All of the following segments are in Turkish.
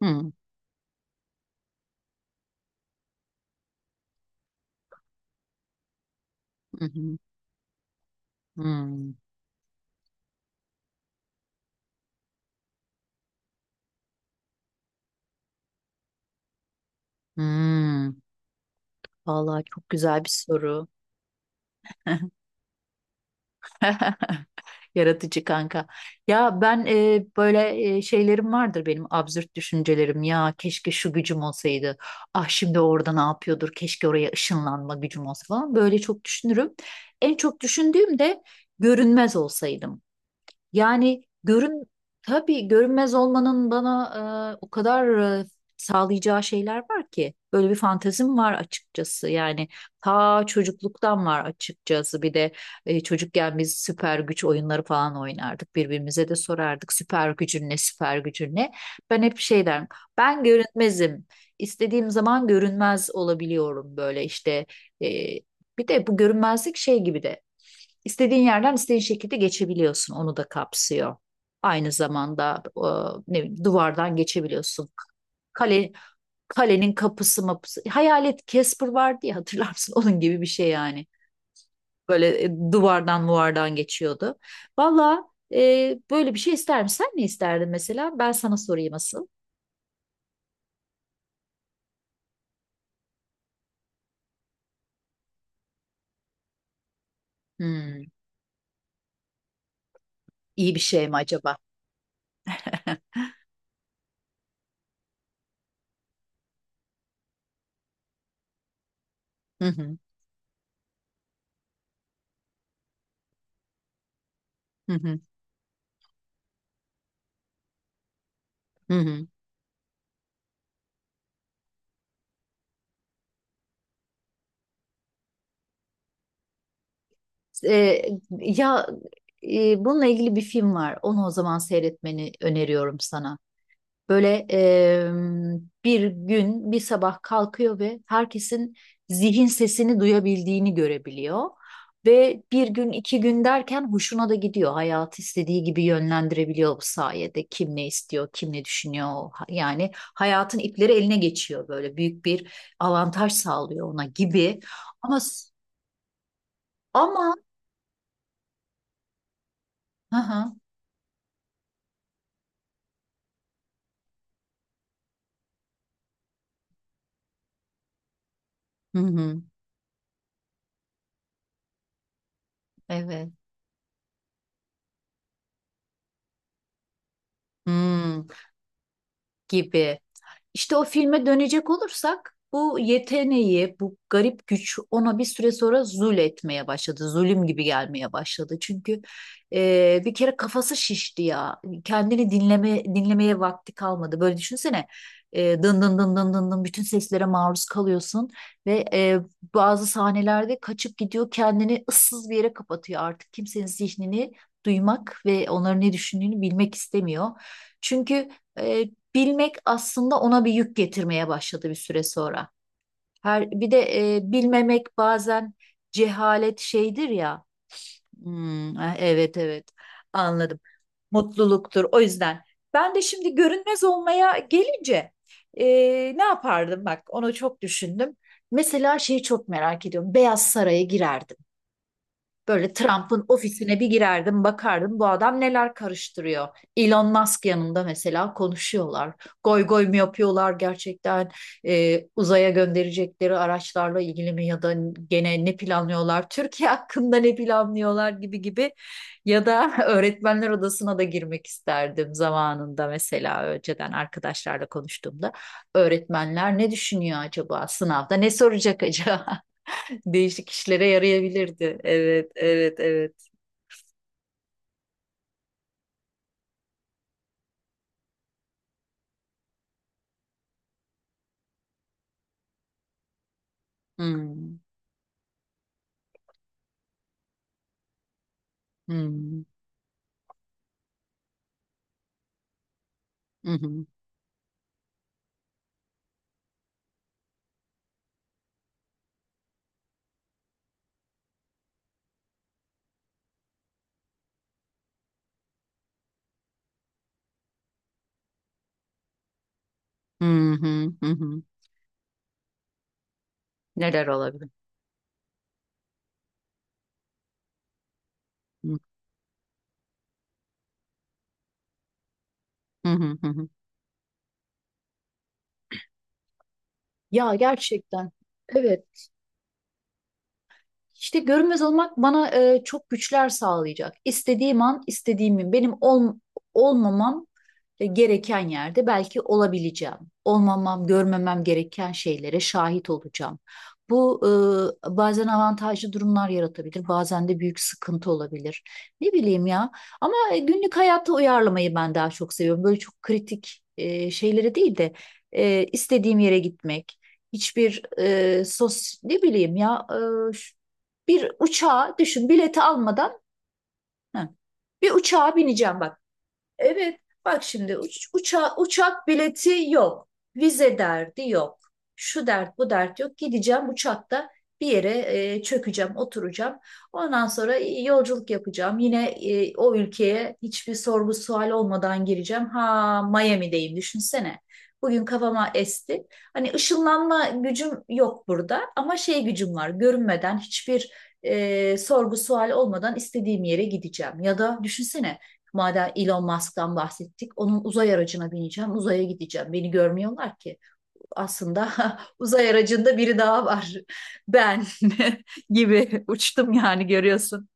Hmm, hı hı, hmm, hmm. Vallahi çok güzel bir soru. Yaratıcı kanka. Ya ben böyle şeylerim vardır benim absürt düşüncelerim. Ya keşke şu gücüm olsaydı. Ah şimdi orada ne yapıyordur? Keşke oraya ışınlanma gücüm olsa falan. Böyle çok düşünürüm. En çok düşündüğüm de görünmez olsaydım. Yani tabii görünmez olmanın bana o kadar e, sağlayacağı şeyler var ki. Böyle bir fantezim var açıkçası. Yani ta çocukluktan var açıkçası. Bir de çocukken biz süper güç oyunları falan oynardık. Birbirimize de sorardık süper gücün ne, süper gücün ne. Ben hep şey derim. Ben görünmezim. İstediğim zaman görünmez olabiliyorum böyle işte. E, Bir de bu görünmezlik şey gibi de. İstediğin yerden istediğin şekilde geçebiliyorsun. Onu da kapsıyor. Aynı zamanda ne bileyim, duvardan geçebiliyorsun. Kale, Kalenin kapısı mapısı. Hayalet Casper vardı ya hatırlar mısın? Onun gibi bir şey yani. Böyle duvardan muvardan geçiyordu. Valla böyle bir şey ister misin? Sen ne isterdin mesela? Ben sana sorayım asıl. Hmm, iyi bir şey mi acaba? Hı hı, hı hı, hı hı. E, ya Bununla ilgili bir film var. Onu o zaman seyretmeni öneriyorum sana. Böyle bir gün bir sabah kalkıyor ve herkesin zihin sesini duyabildiğini görebiliyor. Ve bir gün iki gün derken hoşuna da gidiyor. Hayatı istediği gibi yönlendirebiliyor bu sayede. Kim ne istiyor, kim ne düşünüyor. Yani hayatın ipleri eline geçiyor böyle büyük bir avantaj sağlıyor ona gibi. Ama ama Hı hı, hı hı, evet. Hmm, gibi. İşte o filme dönecek olursak bu yeteneği, bu garip güç ona bir süre sonra zul etmeye başladı. Zulüm gibi gelmeye başladı. Çünkü bir kere kafası şişti ya. Kendini dinlemeye vakti kalmadı. Böyle düşünsene. Dın dın dın dın dın dın bütün seslere maruz kalıyorsun ve bazı sahnelerde kaçıp gidiyor kendini ıssız bir yere kapatıyor artık kimsenin zihnini duymak ve onların ne düşündüğünü bilmek istemiyor. Çünkü e, bilmek aslında ona bir yük getirmeye başladı bir süre sonra. Her bir de bilmemek bazen cehalet şeydir ya. Hmm, evet evet anladım. Mutluluktur. O yüzden ben de şimdi görünmez olmaya gelince e, ne yapardım bak onu çok düşündüm. Mesela şeyi çok merak ediyorum. Beyaz Saray'a girerdim. Böyle Trump'ın ofisine bir girerdim, bakardım bu adam neler karıştırıyor. Elon Musk yanında mesela konuşuyorlar. Goy goy mu yapıyorlar gerçekten uzaya gönderecekleri araçlarla ilgili mi ya da gene ne planlıyorlar? Türkiye hakkında ne planlıyorlar gibi gibi. Ya da öğretmenler odasına da girmek isterdim zamanında mesela önceden arkadaşlarla konuştuğumda. Öğretmenler ne düşünüyor acaba sınavda ne soracak acaba? Değişik işlere yarayabilirdi. Evet, evet, evet. Hmm, hmm, hı hı, hı hı, hı hı. Neler olabilir? Hı hı, hı hı. Ya gerçekten. Evet. İşte görünmez olmak bana çok güçler sağlayacak. İstediğim an, istediğimi, olmamam gereken yerde belki olabileceğim. Olmamam, görmemem gereken şeylere şahit olacağım. Bu bazen avantajlı durumlar yaratabilir, bazen de büyük sıkıntı olabilir. Ne bileyim ya. Ama günlük hayata uyarlamayı ben daha çok seviyorum. Böyle çok kritik şeylere değil de istediğim yere gitmek. Hiçbir sos ne bileyim ya e, bir uçağa düşün bileti almadan heh, bir uçağa bineceğim bak. Evet, bak şimdi uçak bileti yok, vize derdi yok, şu dert bu dert yok. Gideceğim uçakta bir yere çökeceğim, oturacağım. Ondan sonra yolculuk yapacağım. Yine o ülkeye hiçbir sorgu sual olmadan gireceğim. Ha, Miami'deyim düşünsene. Bugün kafama esti. Hani ışınlanma gücüm yok burada ama şey gücüm var. Görünmeden hiçbir sorgu sual olmadan istediğim yere gideceğim. Ya da düşünsene. Madem Elon Musk'tan bahsettik, onun uzay aracına bineceğim, uzaya gideceğim. Beni görmüyorlar ki. Aslında uzay aracında biri daha var. Ben gibi uçtum yani görüyorsun.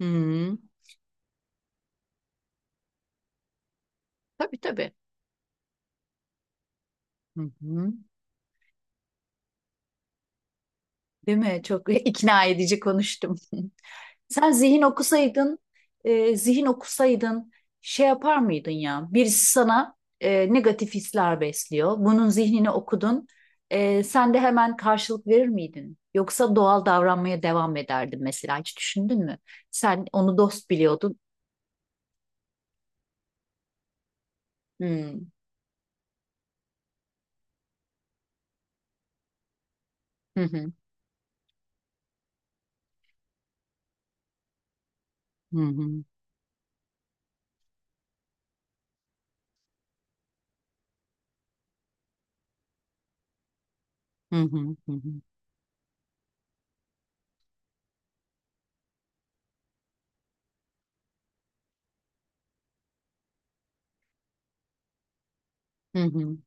Hı, tabii tabii. Hı hı. Değil mi? Çok ikna edici konuştum. Sen zihin okusaydın şey yapar mıydın ya? Birisi sana negatif hisler besliyor. Bunun zihnini okudun. Sen de hemen karşılık verir miydin? Yoksa doğal davranmaya devam ederdin mesela. Hiç düşündün mü? Sen onu dost biliyordun. Hmm, hı hı. Hı hı. Hı hı. Hı hı. Hı hı.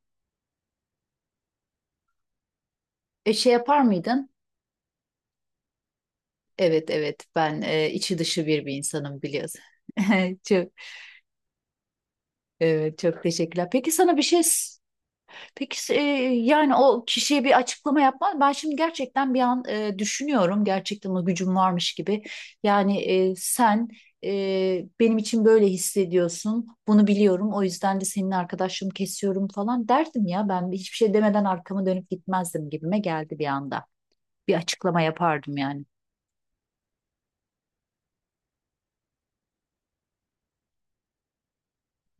Şey yapar mıydın? Evet evet ben içi dışı bir insanım biliyorsun. Çok, evet, çok teşekkürler. Peki, yani o kişiye bir açıklama yapman ben şimdi gerçekten bir an düşünüyorum gerçekten o gücüm varmış gibi yani sen benim için böyle hissediyorsun bunu biliyorum o yüzden de senin arkadaşlığını kesiyorum falan derdim ya ben hiçbir şey demeden arkamı dönüp gitmezdim gibime geldi bir anda bir açıklama yapardım yani.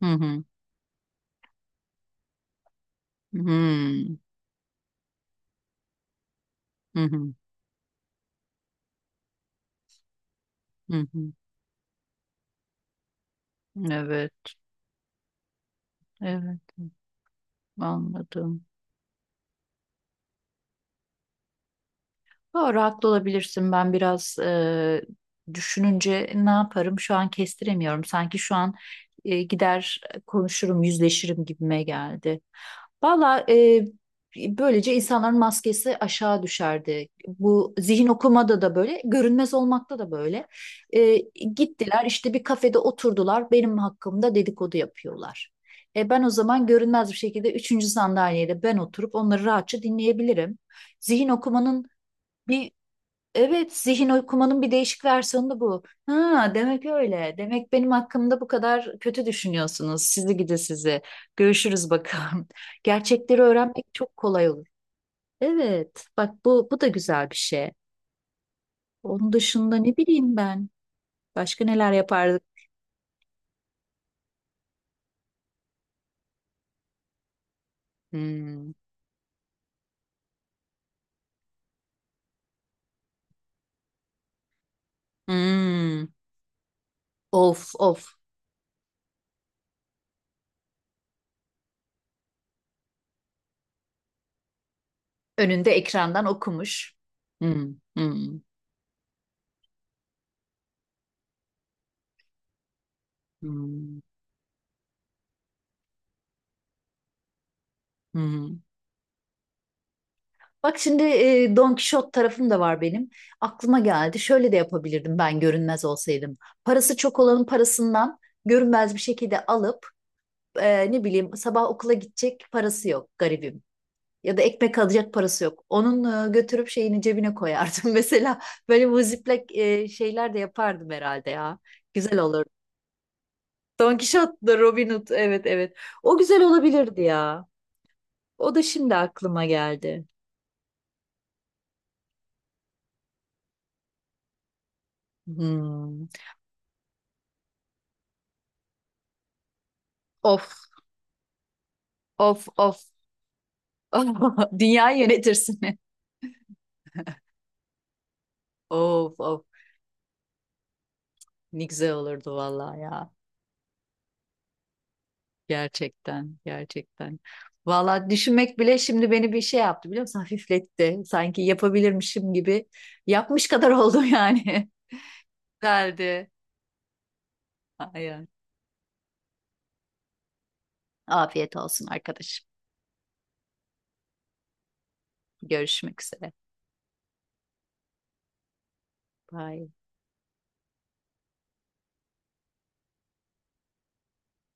Hı hı. Hı hı. Hı hı. Hı hı. Evet. Evet. Anladım. Doğru, haklı olabilirsin. Ben biraz düşününce ne yaparım şu an kestiremiyorum. Sanki şu an gider konuşurum, yüzleşirim gibime geldi. Valla böylece insanların maskesi aşağı düşerdi. Bu zihin okumada da böyle, görünmez olmakta da böyle. E, Gittiler işte bir kafede oturdular, benim hakkımda dedikodu yapıyorlar. Ben o zaman görünmez bir şekilde üçüncü sandalyede ben oturup onları rahatça dinleyebilirim. Zihin okumanın bir Evet, zihin okumanın bir değişik versiyonu da bu. Ha, demek öyle. Demek benim hakkımda bu kadar kötü düşünüyorsunuz. Sizi gidi sizi. Görüşürüz bakalım. Gerçekleri öğrenmek çok kolay olur. Evet, bak bu da güzel bir şey. Onun dışında ne bileyim ben. Başka neler yapardık? Hmm. Hmm. Of of. Önünde ekrandan okumuş. Hmm. Hmm. Hmm. Hmm. Bak şimdi Don Kişot tarafım da var benim. Aklıma geldi. Şöyle de yapabilirdim ben görünmez olsaydım. Parası çok olanın parasından görünmez bir şekilde alıp ne bileyim sabah okula gidecek parası yok garibim. Ya da ekmek alacak parası yok. Onun götürüp şeyini cebine koyardım. Mesela böyle bu ziplek şeyler de yapardım herhalde ya. Güzel olurdu. Don Kişot da Robin Hood. Evet evet. O güzel olabilirdi ya. O da şimdi aklıma geldi. Hmm. Of. Of of Dünyayı yönetirsin. Of of ne güzel olurdu vallahi ya. Gerçekten gerçekten. Vallahi düşünmek bile şimdi beni bir şey yaptı biliyor musun? Hafifletti. Sanki yapabilirmişim gibi. Yapmış kadar oldum yani. Derdi. Aynen. Afiyet olsun arkadaşım. Görüşmek üzere. Bye.